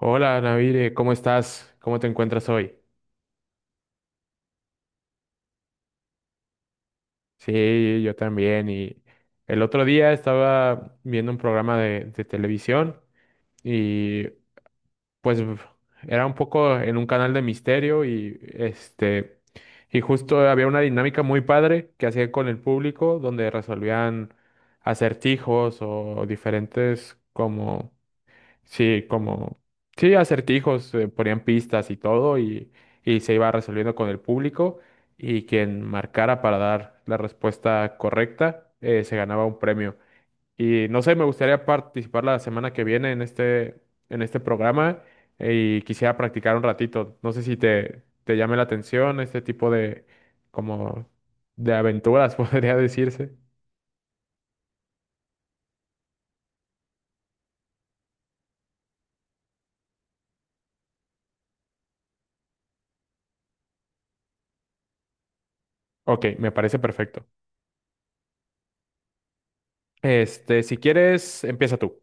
Hola, Navire, ¿cómo estás? ¿Cómo te encuentras hoy? Sí, yo también. Y el otro día estaba viendo un programa de televisión y pues era un poco en un canal de misterio y y justo había una dinámica muy padre que hacían con el público donde resolvían acertijos o diferentes como sí, como, sí, acertijos, ponían pistas y todo, y se iba resolviendo con el público, y quien marcara para dar la respuesta correcta, se ganaba un premio. Y no sé, me gustaría participar la semana que viene en en este programa, y quisiera practicar un ratito. No sé si te llame la atención este tipo como, de aventuras, podría decirse. Ok, me parece perfecto. Este, si quieres, empieza tú.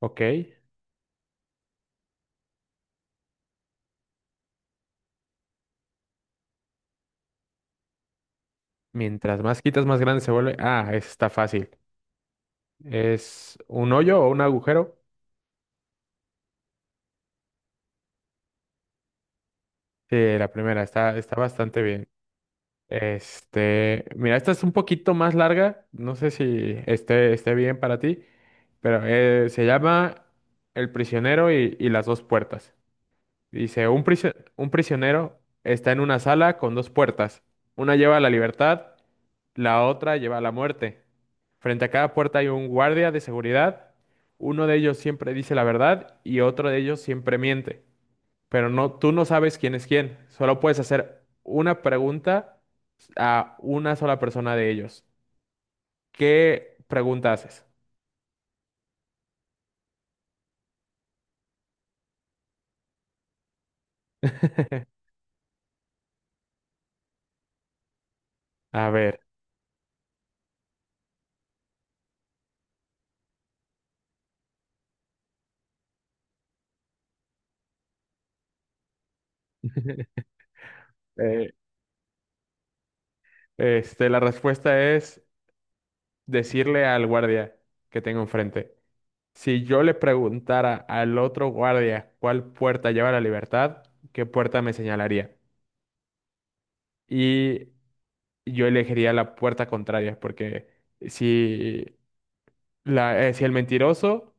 Ok. Mientras más quitas, más grande se vuelve. Ah, esa está fácil. Es un hoyo o un agujero. Sí, la primera está, está bastante bien. Este, mira, esta es un poquito más larga. No sé si esté bien para ti, pero se llama El prisionero y las dos puertas. Dice, un prisionero está en una sala con dos puertas. Una lleva a la libertad. La otra lleva a la muerte. Frente a cada puerta hay un guardia de seguridad. Uno de ellos siempre dice la verdad y otro de ellos siempre miente. Pero no, tú no sabes quién es quién. Solo puedes hacer una pregunta a una sola persona de ellos. ¿Qué pregunta haces? A ver, eh, la respuesta es decirle al guardia que tengo enfrente. Si yo le preguntara al otro guardia cuál puerta lleva a la libertad, ¿qué puerta me señalaría? Y yo elegiría la puerta contraria, porque si, si el mentiroso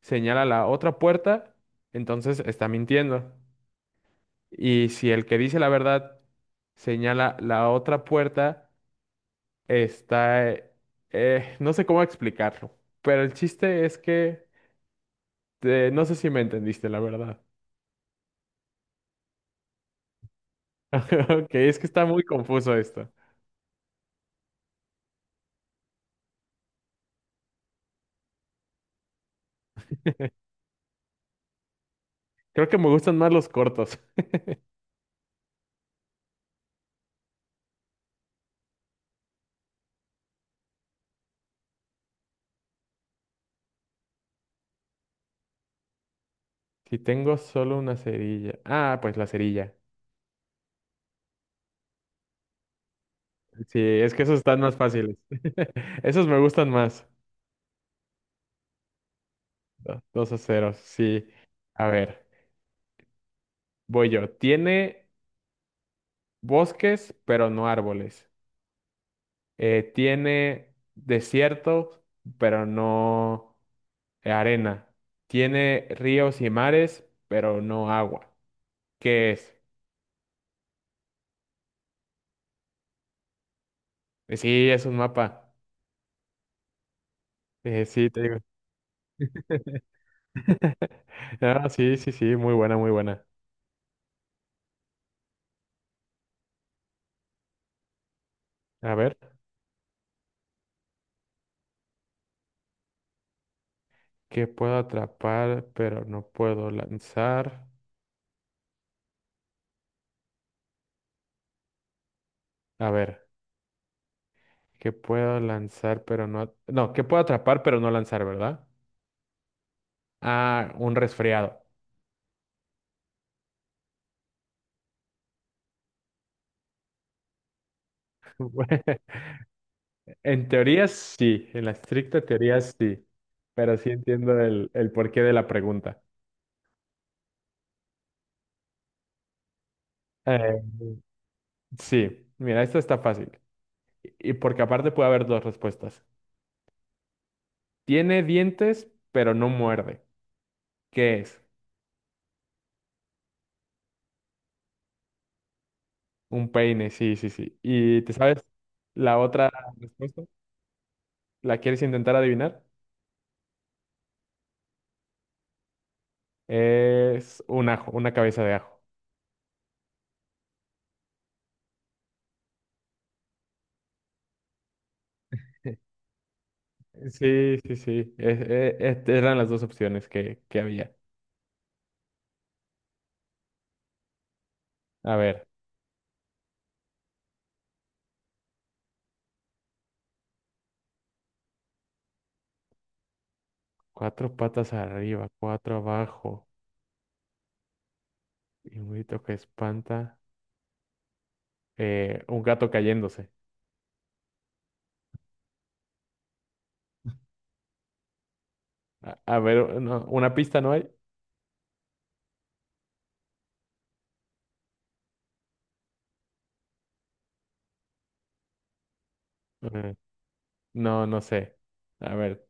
señala la otra puerta, entonces está mintiendo. Y si el que dice la verdad señala la otra puerta, está... no sé cómo explicarlo, pero el chiste es que... no sé si me entendiste, la verdad. Ok, es que está muy confuso esto. Creo que me gustan más los cortos. Si tengo solo una cerilla. Ah, pues la cerilla. Sí, es que esos están más fáciles. Esos me gustan más. Dos a cero, sí. A ver, voy yo. Tiene bosques, pero no árboles. Tiene desierto, pero no arena. Tiene ríos y mares, pero no agua. ¿Qué es? Sí, es un mapa. Sí, te digo. Ah, sí, sí, sí, muy buena, muy buena. A ver, ¿qué puedo atrapar, pero no puedo lanzar? A ver, ¿qué puedo lanzar pero no... No, ¿qué puedo atrapar pero no lanzar, ¿verdad? Ah, un resfriado. Bueno, en teoría sí, en la estricta teoría sí, pero sí entiendo el porqué de la pregunta. Eh, sí, mira, esto está fácil. Y porque aparte puede haber dos respuestas. Tiene dientes, pero no muerde. ¿Qué es? Un peine, sí, sí, sí. ¿Y te sabes la otra respuesta? ¿La quieres intentar adivinar? Es un ajo, una cabeza de ajo. Sí, sí, sí. Eran las dos opciones que había. A ver, cuatro patas arriba, cuatro abajo, y un grito que espanta, un gato cayéndose. A ver, no, ¿una pista no hay? Eh, no, no sé. A ver.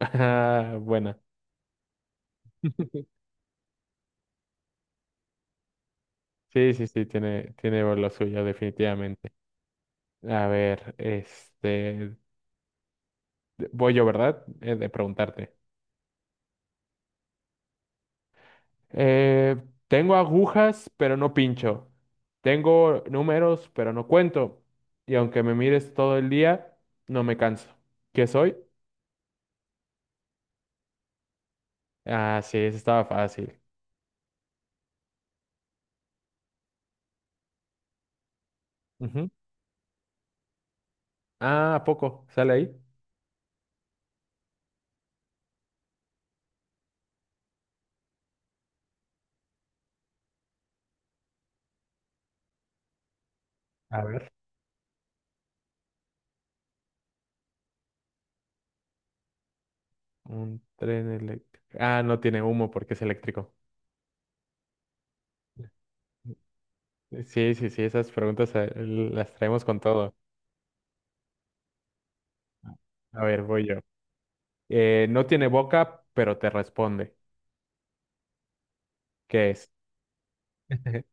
Ah, buena. Sí, sí, sí, tiene, tiene lo suyo, definitivamente. A ver, este, voy yo, ¿verdad? De preguntarte. Eh, tengo agujas, pero no pincho. Tengo números, pero no cuento. Y aunque me mires todo el día, no me canso. ¿Qué soy? Ah, sí, eso estaba fácil. Ujú. Ah, ¿a poco? ¿Sale ahí? A ver. Un tren eléctrico. Ah, no tiene humo porque es eléctrico. Sí, sí, sí, esas preguntas las traemos con todo. A ver, voy yo. No tiene boca, pero te responde. ¿Qué es?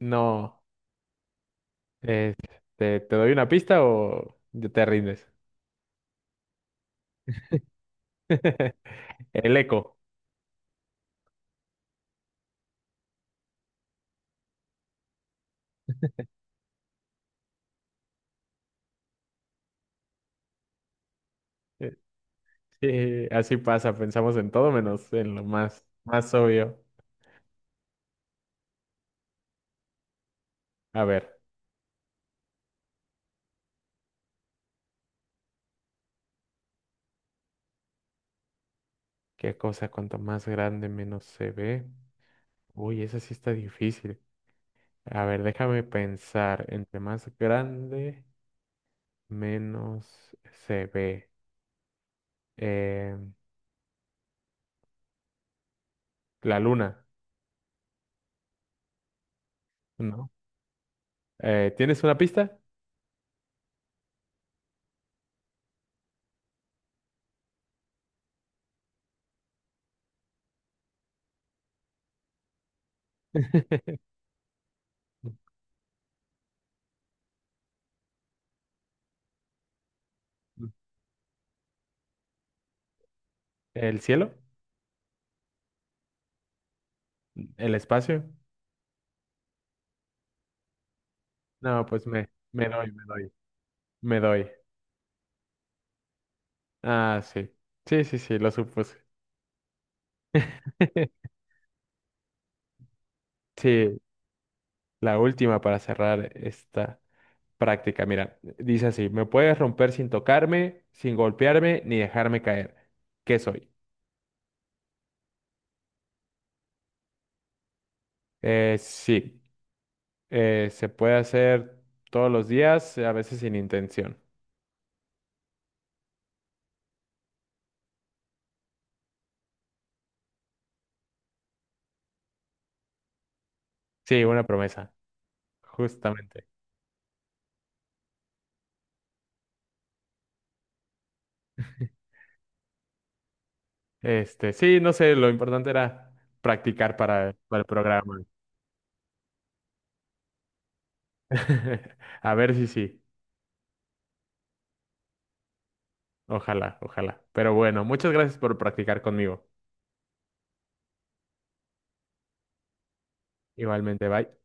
No. Eh, ¿te doy una pista o ya te rindes? El eco. Eh, Sí, así pasa, pensamos en todo menos en lo más, más obvio. A ver, ¿qué cosa cuanto más grande menos se ve? Uy, esa sí está difícil. A ver, déjame pensar. Entre más grande, menos se ve. Eh, la luna, ¿no? ¿Tienes una pista? ¿El cielo? ¿El espacio? No, pues me doy. Ah, sí. Sí, sí, sí, lo supuse. Sí, la última para cerrar esta práctica. Mira, dice así, me puedes romper sin tocarme, sin golpearme, ni dejarme caer. ¿Qué soy? Eh, sí, se puede hacer todos los días, a veces sin intención. Sí, una promesa, justamente. Este, sí, no sé, lo importante era practicar para el programa. A ver si sí. Ojalá, ojalá. Pero bueno, muchas gracias por practicar conmigo. Igualmente, bye.